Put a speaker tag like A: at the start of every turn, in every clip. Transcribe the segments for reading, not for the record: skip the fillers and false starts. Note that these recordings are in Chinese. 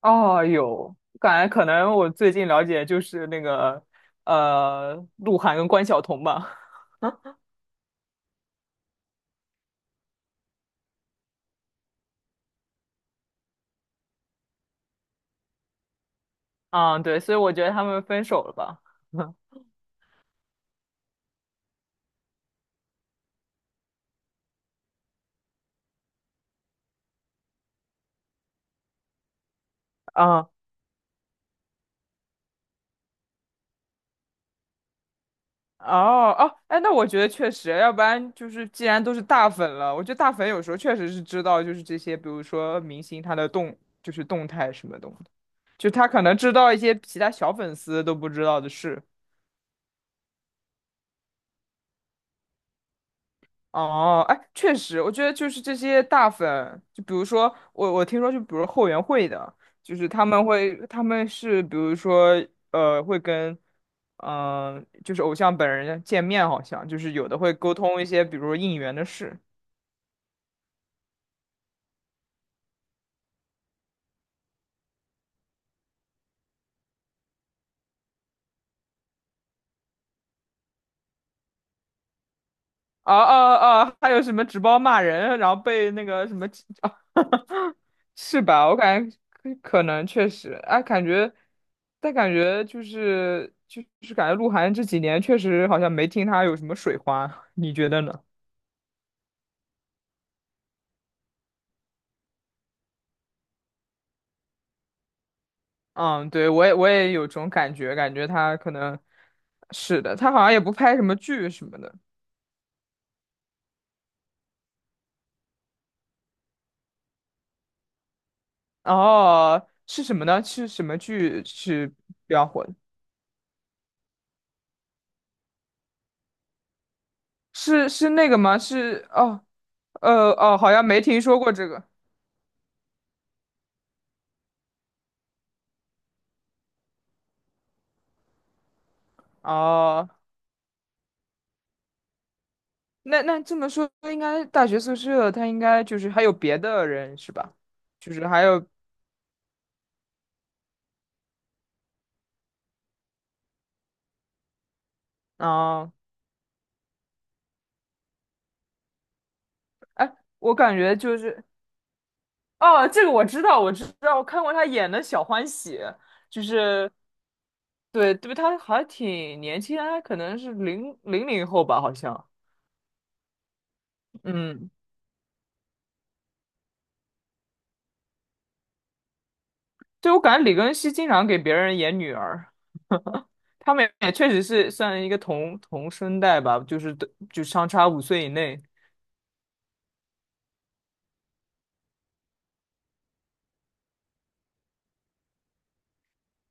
A: 哦，有，感觉可能我最近了解就是那个鹿晗跟关晓彤吧。啊，对，所以我觉得他们分手了吧。啊，哦哦，哎，那我觉得确实，要不然就是既然都是大粉了，我觉得大粉有时候确实是知道，就是这些，比如说明星他的动，就是动态什么东西就他可能知道一些其他小粉丝都不知道的事。哦，哎，确实，我觉得就是这些大粉，就比如说我听说，就比如后援会的，就是他们会，他们是比如说，会跟，嗯、就是偶像本人见面，好像就是有的会沟通一些，比如应援的事。啊啊啊！还有什么直播骂人，然后被那个什么是吧？我感觉可能确实，哎，感觉，但感觉就是感觉鹿晗这几年确实好像没听他有什么水花，你觉得呢？嗯，对，我也有种感觉，感觉他可能是的，他好像也不拍什么剧什么的。哦，是什么呢？是什么剧是比较火的？是是那个吗？是哦，好像没听说过这个。哦那那这么说，应该大学宿舍他应该就是还有别的人是吧？就是还有啊、我感觉就是哦，这个我知道，我知道，我看过他演的《小欢喜》，就是对对，他还挺年轻他可能是零后吧，好像。嗯，对，我感觉李庚希经常给别人演女儿，他们也确实是算一个同生代吧，就是就相差5岁以内。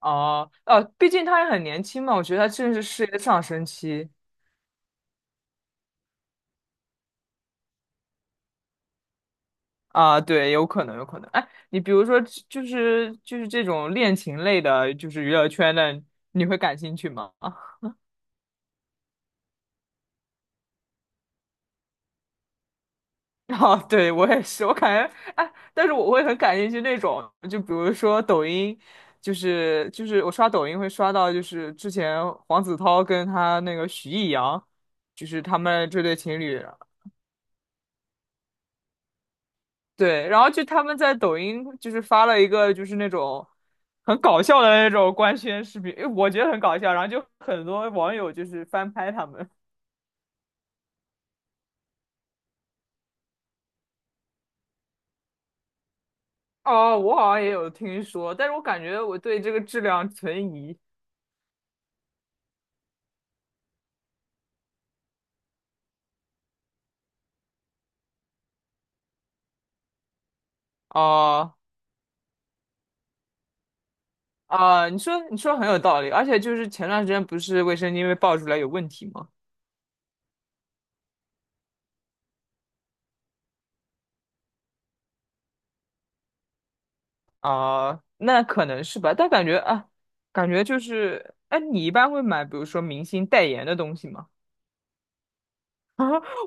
A: 哦，哦，毕竟他也很年轻嘛，我觉得他正是事业的上升期啊，对，有可能，有可能。哎，你比如说，就是这种恋情类的，就是娱乐圈的，你会感兴趣吗？哦，对，我也是，我感觉，哎，但是我会很感兴趣那种，就比如说抖音，就是我刷抖音会刷到，就是之前黄子韬跟他那个许艺洋，就是他们这对情侣。对，然后就他们在抖音就是发了一个就是那种很搞笑的那种官宣视频，因为我觉得很搞笑，然后就很多网友就是翻拍他们。哦，我好像也有听说，但是我感觉我对这个质量存疑。哦，啊，你说很有道理，而且就是前段时间不是卫生巾被爆出来有问题吗？啊，那可能是吧，但感觉啊，感觉就是，哎，你一般会买比如说明星代言的东西吗？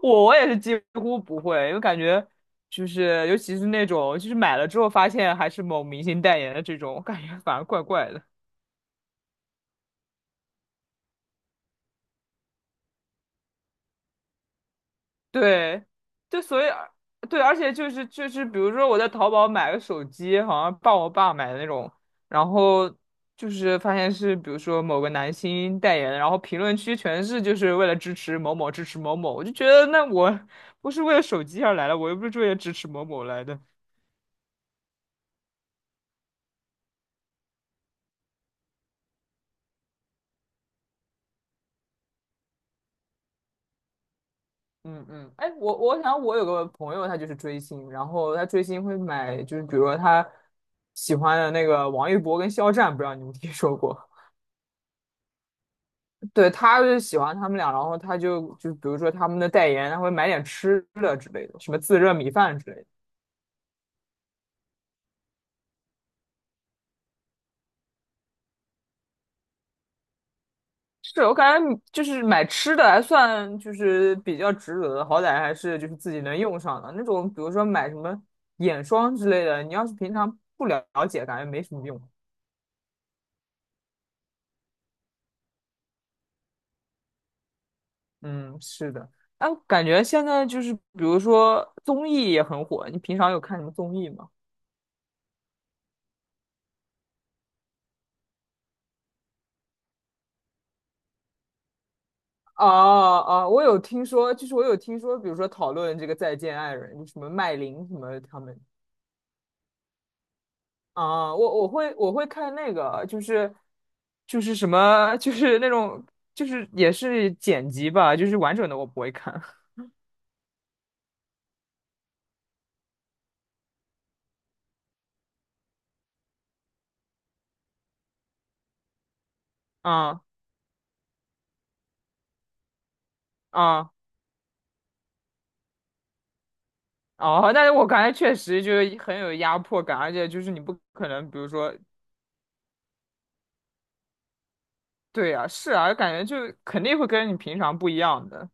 A: 我也是几乎不会，因为感觉就是尤其是那种就是买了之后发现还是某明星代言的这种，我感觉反而怪怪的。对，就所以对，而且就是，比如说我在淘宝买个手机，好像帮我爸买的那种，然后就是发现是比如说某个男星代言的，然后评论区全是就是为了支持某某，我就觉得那我 不是为了手机而来的，我又不是为了支持某某来的。嗯嗯，哎，我想我有个朋友，他就是追星，然后他追星会买，就是比如说他喜欢的那个王一博跟肖战，不知道你们听说过？对，他就喜欢他们俩，然后他就就比如说他们的代言，他会买点吃的之类的，什么自热米饭之类的。是我感觉就是买吃的还算就是比较值得的，好歹还是就是自己能用上的那种，比如说买什么眼霜之类的，你要是平常不了解，感觉没什么用。嗯，是的，哎，感觉现在就是，比如说综艺也很火，你平常有看什么综艺吗？啊啊，我有听说，比如说讨论这个《再见爱人》，就什么麦琳什么他们啊，我会看那个，就是就是什么，就是那种就是也是剪辑吧，就是完整的我不会看。啊啊哦，但是我感觉确实就是很有压迫感，而且就是你不可能，比如说对呀，是啊，感觉就肯定会跟你平常不一样的。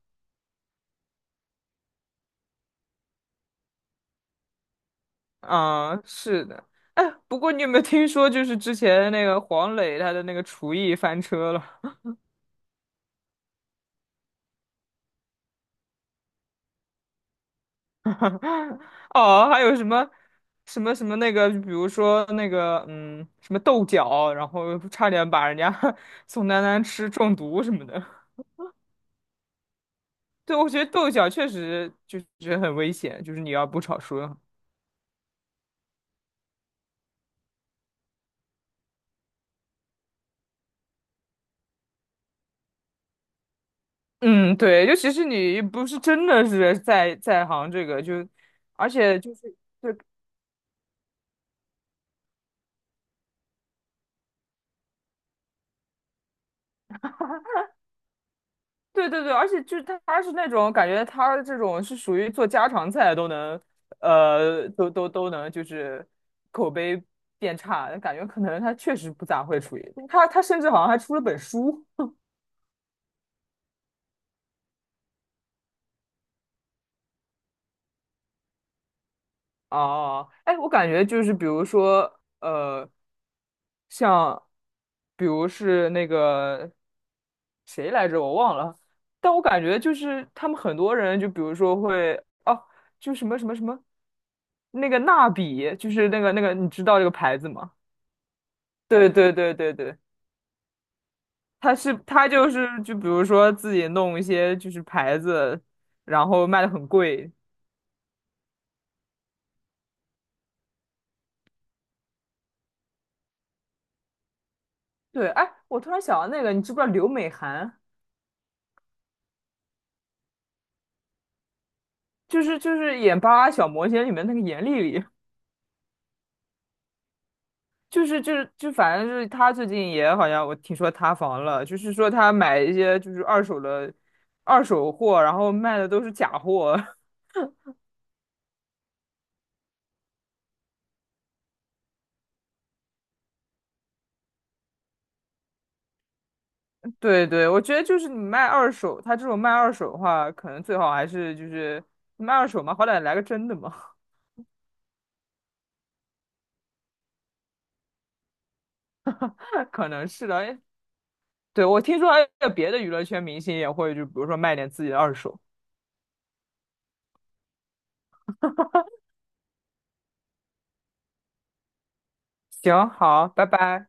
A: 嗯，是的。哎，不过你有没有听说，就是之前那个黄磊他的那个厨艺翻车了？哦，还有什么什么那个，比如说那个嗯，什么豆角，然后差点把人家 宋丹丹吃中毒什么的。对，我觉得豆角确实就觉得很危险，就是你要不炒熟。嗯，对，就其实你不是真的是在在行这个，就而且就是对对，而且就是他是那种感觉，他这种是属于做家常菜都能，都能就是口碑变差，感觉可能他确实不咋会厨艺，他甚至好像还出了本书哦，哎，我感觉就是比如说像比如是那个谁来着，我忘了，但我感觉就是他们很多人，就比如说会哦，就什么什么什么那个蜡笔，就是那个，你知道这个牌子吗？对，他是他就是就比如说自己弄一些就是牌子，然后卖的很贵。对，哎，我突然想到那个，你知不知道刘美含？就是演《巴啦小魔仙》里面那个严莉莉。就是就是就反正就是他最近也好像我听说塌房了，就是说他买一些就是二手的二手货，然后卖的都是假货。对对，我觉得就是你卖二手，他这种卖二手的话，可能最好还是就是卖二手嘛，好歹来个真的嘛，可能是的。哎对，我听说还有别的娱乐圈明星也会，就比如说卖点自己的二手。行，好，拜拜。